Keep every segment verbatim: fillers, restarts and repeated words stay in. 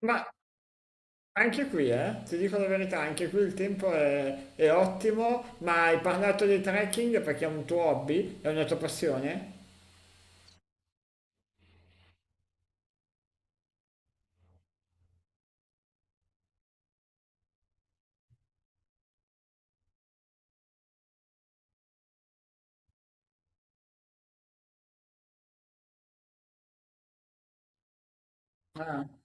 Ma anche qui, eh, ti dico la verità, anche qui il tempo è, è ottimo, ma hai parlato di trekking perché è un tuo hobby, è una tua passione? Ah,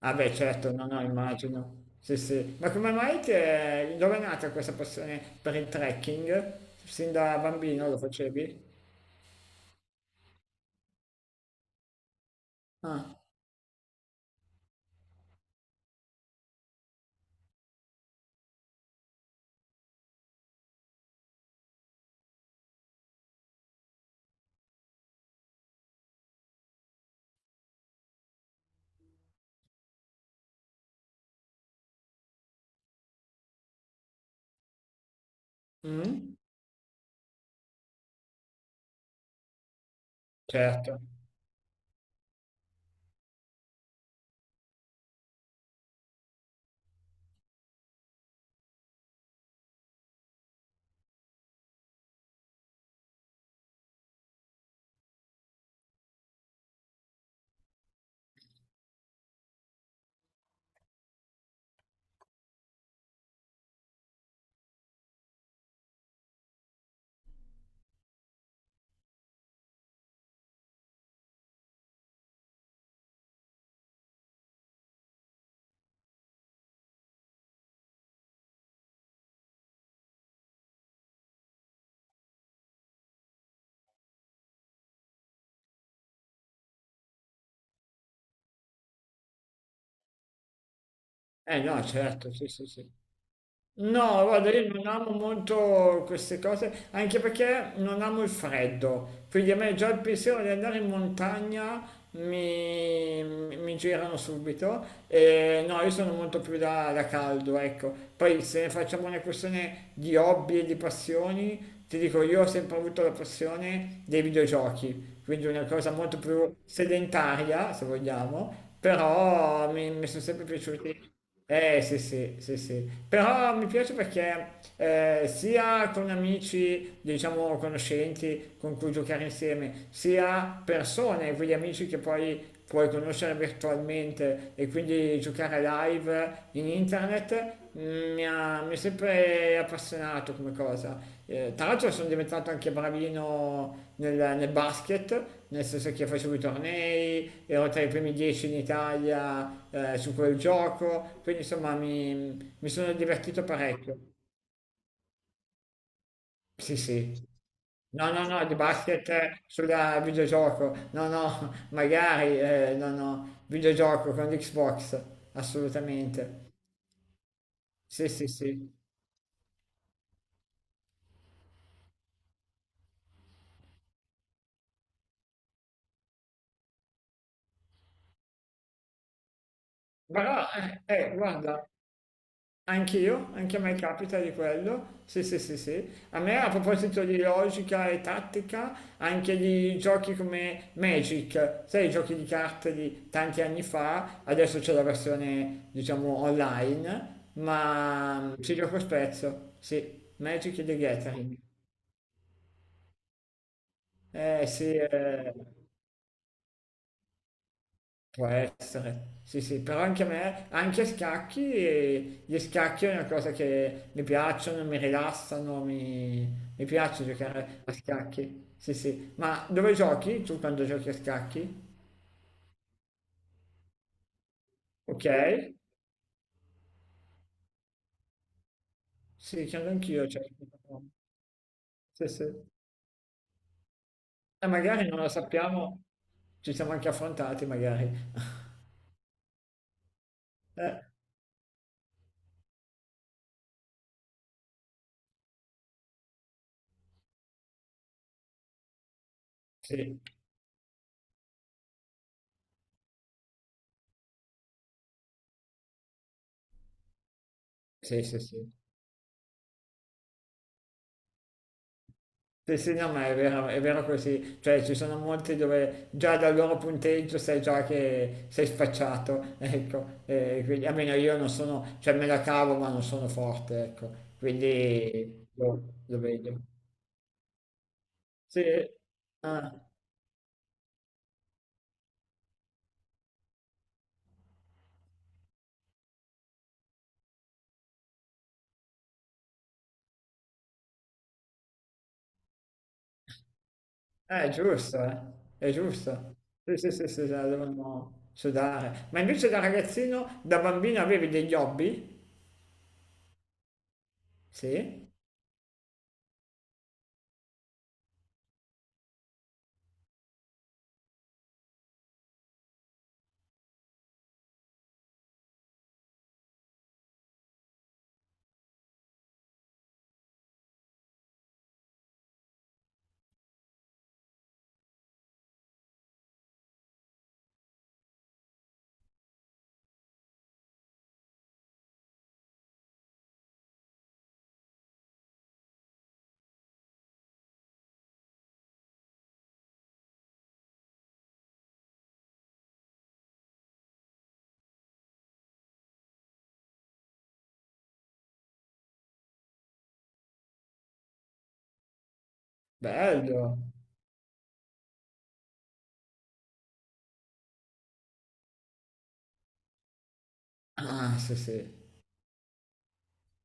ah beh, certo, no, no, immagino. Sì, sì. Ma come mai ti è... dove è nata questa passione per il trekking? Sin da bambino lo facevi? Ah, mm? Certo. Eh no, certo, sì, sì, sì. No, guarda, io non amo molto queste cose, anche perché non amo il freddo, quindi a me già il pensiero di andare in montagna mi, mi- mi girano subito. E no, io sono molto più da, da caldo, ecco. Poi se ne facciamo una questione di hobby e di passioni, ti dico, io ho sempre avuto la passione dei videogiochi, quindi una cosa molto più sedentaria, se vogliamo, però mi mi sono sempre piaciuti. Eh sì, sì, sì, sì, però mi piace perché eh, sia con amici, diciamo conoscenti con cui giocare insieme, sia persone, quegli amici che poi puoi conoscere virtualmente e quindi giocare live in internet, mm, mi ha, mi è sempre appassionato come cosa. Eh, tra l'altro sono diventato anche bravino nel, nel basket, nel senso che facevo i tornei, ero tra i primi dieci in Italia eh, su quel gioco, quindi insomma mi, mi sono divertito parecchio. Sì, sì. No, no, no, di basket eh, sulla videogioco, no, no, magari, eh, no, no, videogioco con l'Xbox, assolutamente. Sì, sì, sì. Però, eh, eh, guarda. Anch'io, anche a me capita di quello, sì sì sì sì, a me a proposito di logica e tattica, anche di giochi come Magic, sai i giochi di carte di tanti anni fa, adesso c'è la versione diciamo online, ma ci gioco spesso, sì, Magic e The Gathering, eh sì, eh. Può essere, sì sì, però anche a me, anche a scacchi, eh, gli scacchi è una cosa che mi piacciono, mi rilassano, mi, mi piace giocare a scacchi, sì sì, ma dove giochi tu quando giochi a scacchi? Ok, sì, credo anch'io, cioè, sì sì, e magari non lo sappiamo, ci siamo anche affrontati magari, eh, sì, sì sì sì, Sì, sì, no, ma è vero, è vero così, cioè ci sono molti dove già dal loro punteggio sai già che sei spacciato, ecco, e quindi almeno io non sono, cioè me la cavo ma non sono forte, ecco, quindi lo, lo vedo. Sì, ah, eh, è giusto, eh, è giusto, sì, sì, sì, sì, la devono sudare. Ma invece da ragazzino, da bambino avevi degli hobby? Sì, bello. Ah, sì, sì.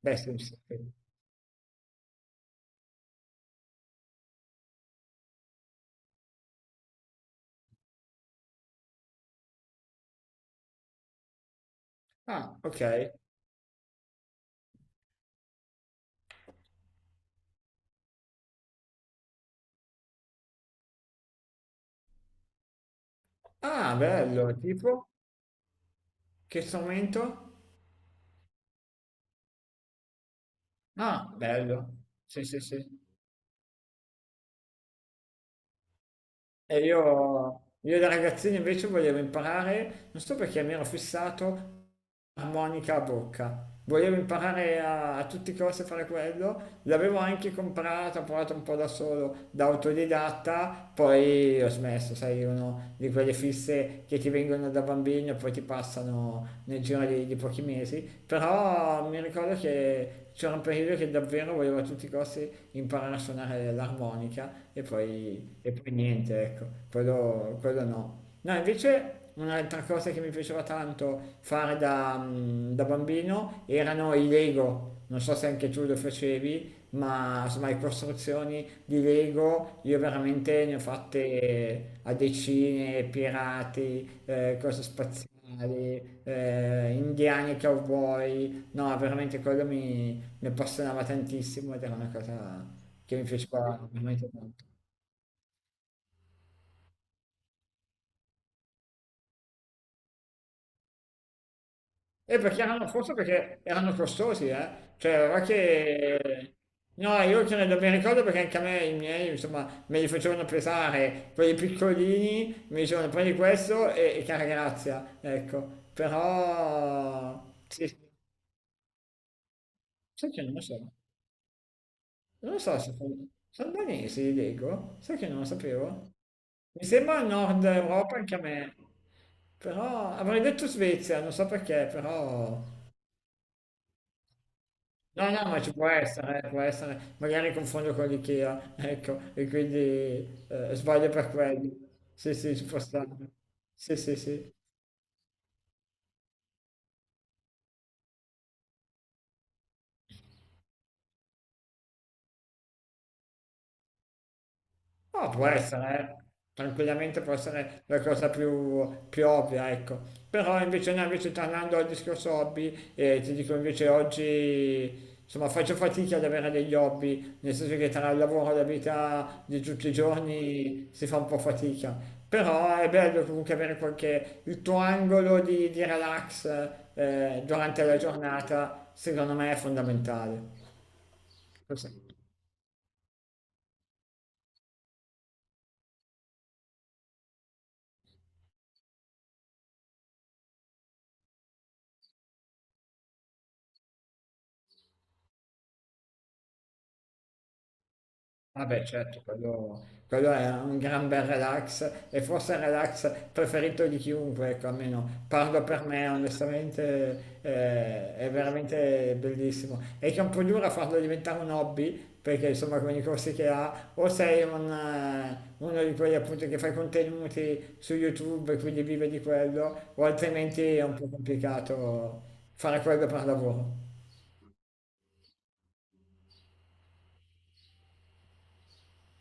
Beh, sì, sì. sì. Ah, ok. Ah, bello, tipo? Che strumento? Ah, bello. Sì, sì, sì. E io, io da ragazzino invece volevo imparare, non so perché mi ero fissato, armonica a bocca. Volevo imparare a, a tutti i costi a fare quello, l'avevo anche comprata, ho provato un po' da solo, da autodidatta, poi ho smesso, sai, uno di quelle fisse che ti vengono da bambino e poi ti passano nel giro di, di pochi mesi, però mi ricordo che c'era un periodo che davvero volevo a tutti i costi imparare a suonare l'armonica e poi, e poi niente, ecco, quello, quello no. No, invece un'altra cosa che mi piaceva tanto fare da, mm, da bambino erano i Lego. Non so se anche tu lo facevi, ma insomma le costruzioni di Lego io veramente ne ho fatte a decine, pirati, eh, cose spaziali, eh, indiani e cowboy. No, veramente quello mi, mi appassionava tantissimo ed era una cosa che mi piaceva veramente tanto. E perché erano, forse perché erano costosi, eh? Cioè, non è che... No, io ce ne do ben ricordo perché anche a me i miei, insomma, me li facevano pesare, quelli piccolini, mi dicevano prendi questo e, e cara grazia, ecco. Però... Sì, sì. sai che non lo so. Non lo so se sono, sono danesi, li leggo, sai che non lo sapevo. Mi sembra Nord Europa anche a me, però avrei detto Svezia, non so perché, però No, no, ma ci può essere, eh, può essere. Magari confondo con l'IKEA, ecco, e quindi eh, sbaglio per quello. Sì, sì, ci può stare. Sì, sì, sì. No, può essere, eh. Tranquillamente può essere la cosa più, più ovvia, ecco. Però invece, no, invece tornando al discorso hobby, eh, ti dico invece oggi, insomma, faccio fatica ad avere degli hobby, nel senso che tra il lavoro e la vita di tutti i giorni si fa un po' fatica. Però è bello comunque avere qualche, il tuo angolo di, di relax, eh, durante la giornata, secondo me è fondamentale. Così. Vabbè, certo, quello, quello è un gran bel relax e forse il relax preferito di chiunque, ecco, almeno parlo per me, onestamente eh, è veramente bellissimo. È che è un po' dura farlo diventare un hobby, perché insomma con i corsi che ha, o sei un, eh, uno di quelli appunto che fa i contenuti su YouTube e quindi vive di quello, o altrimenti è un po' complicato fare quello per lavoro.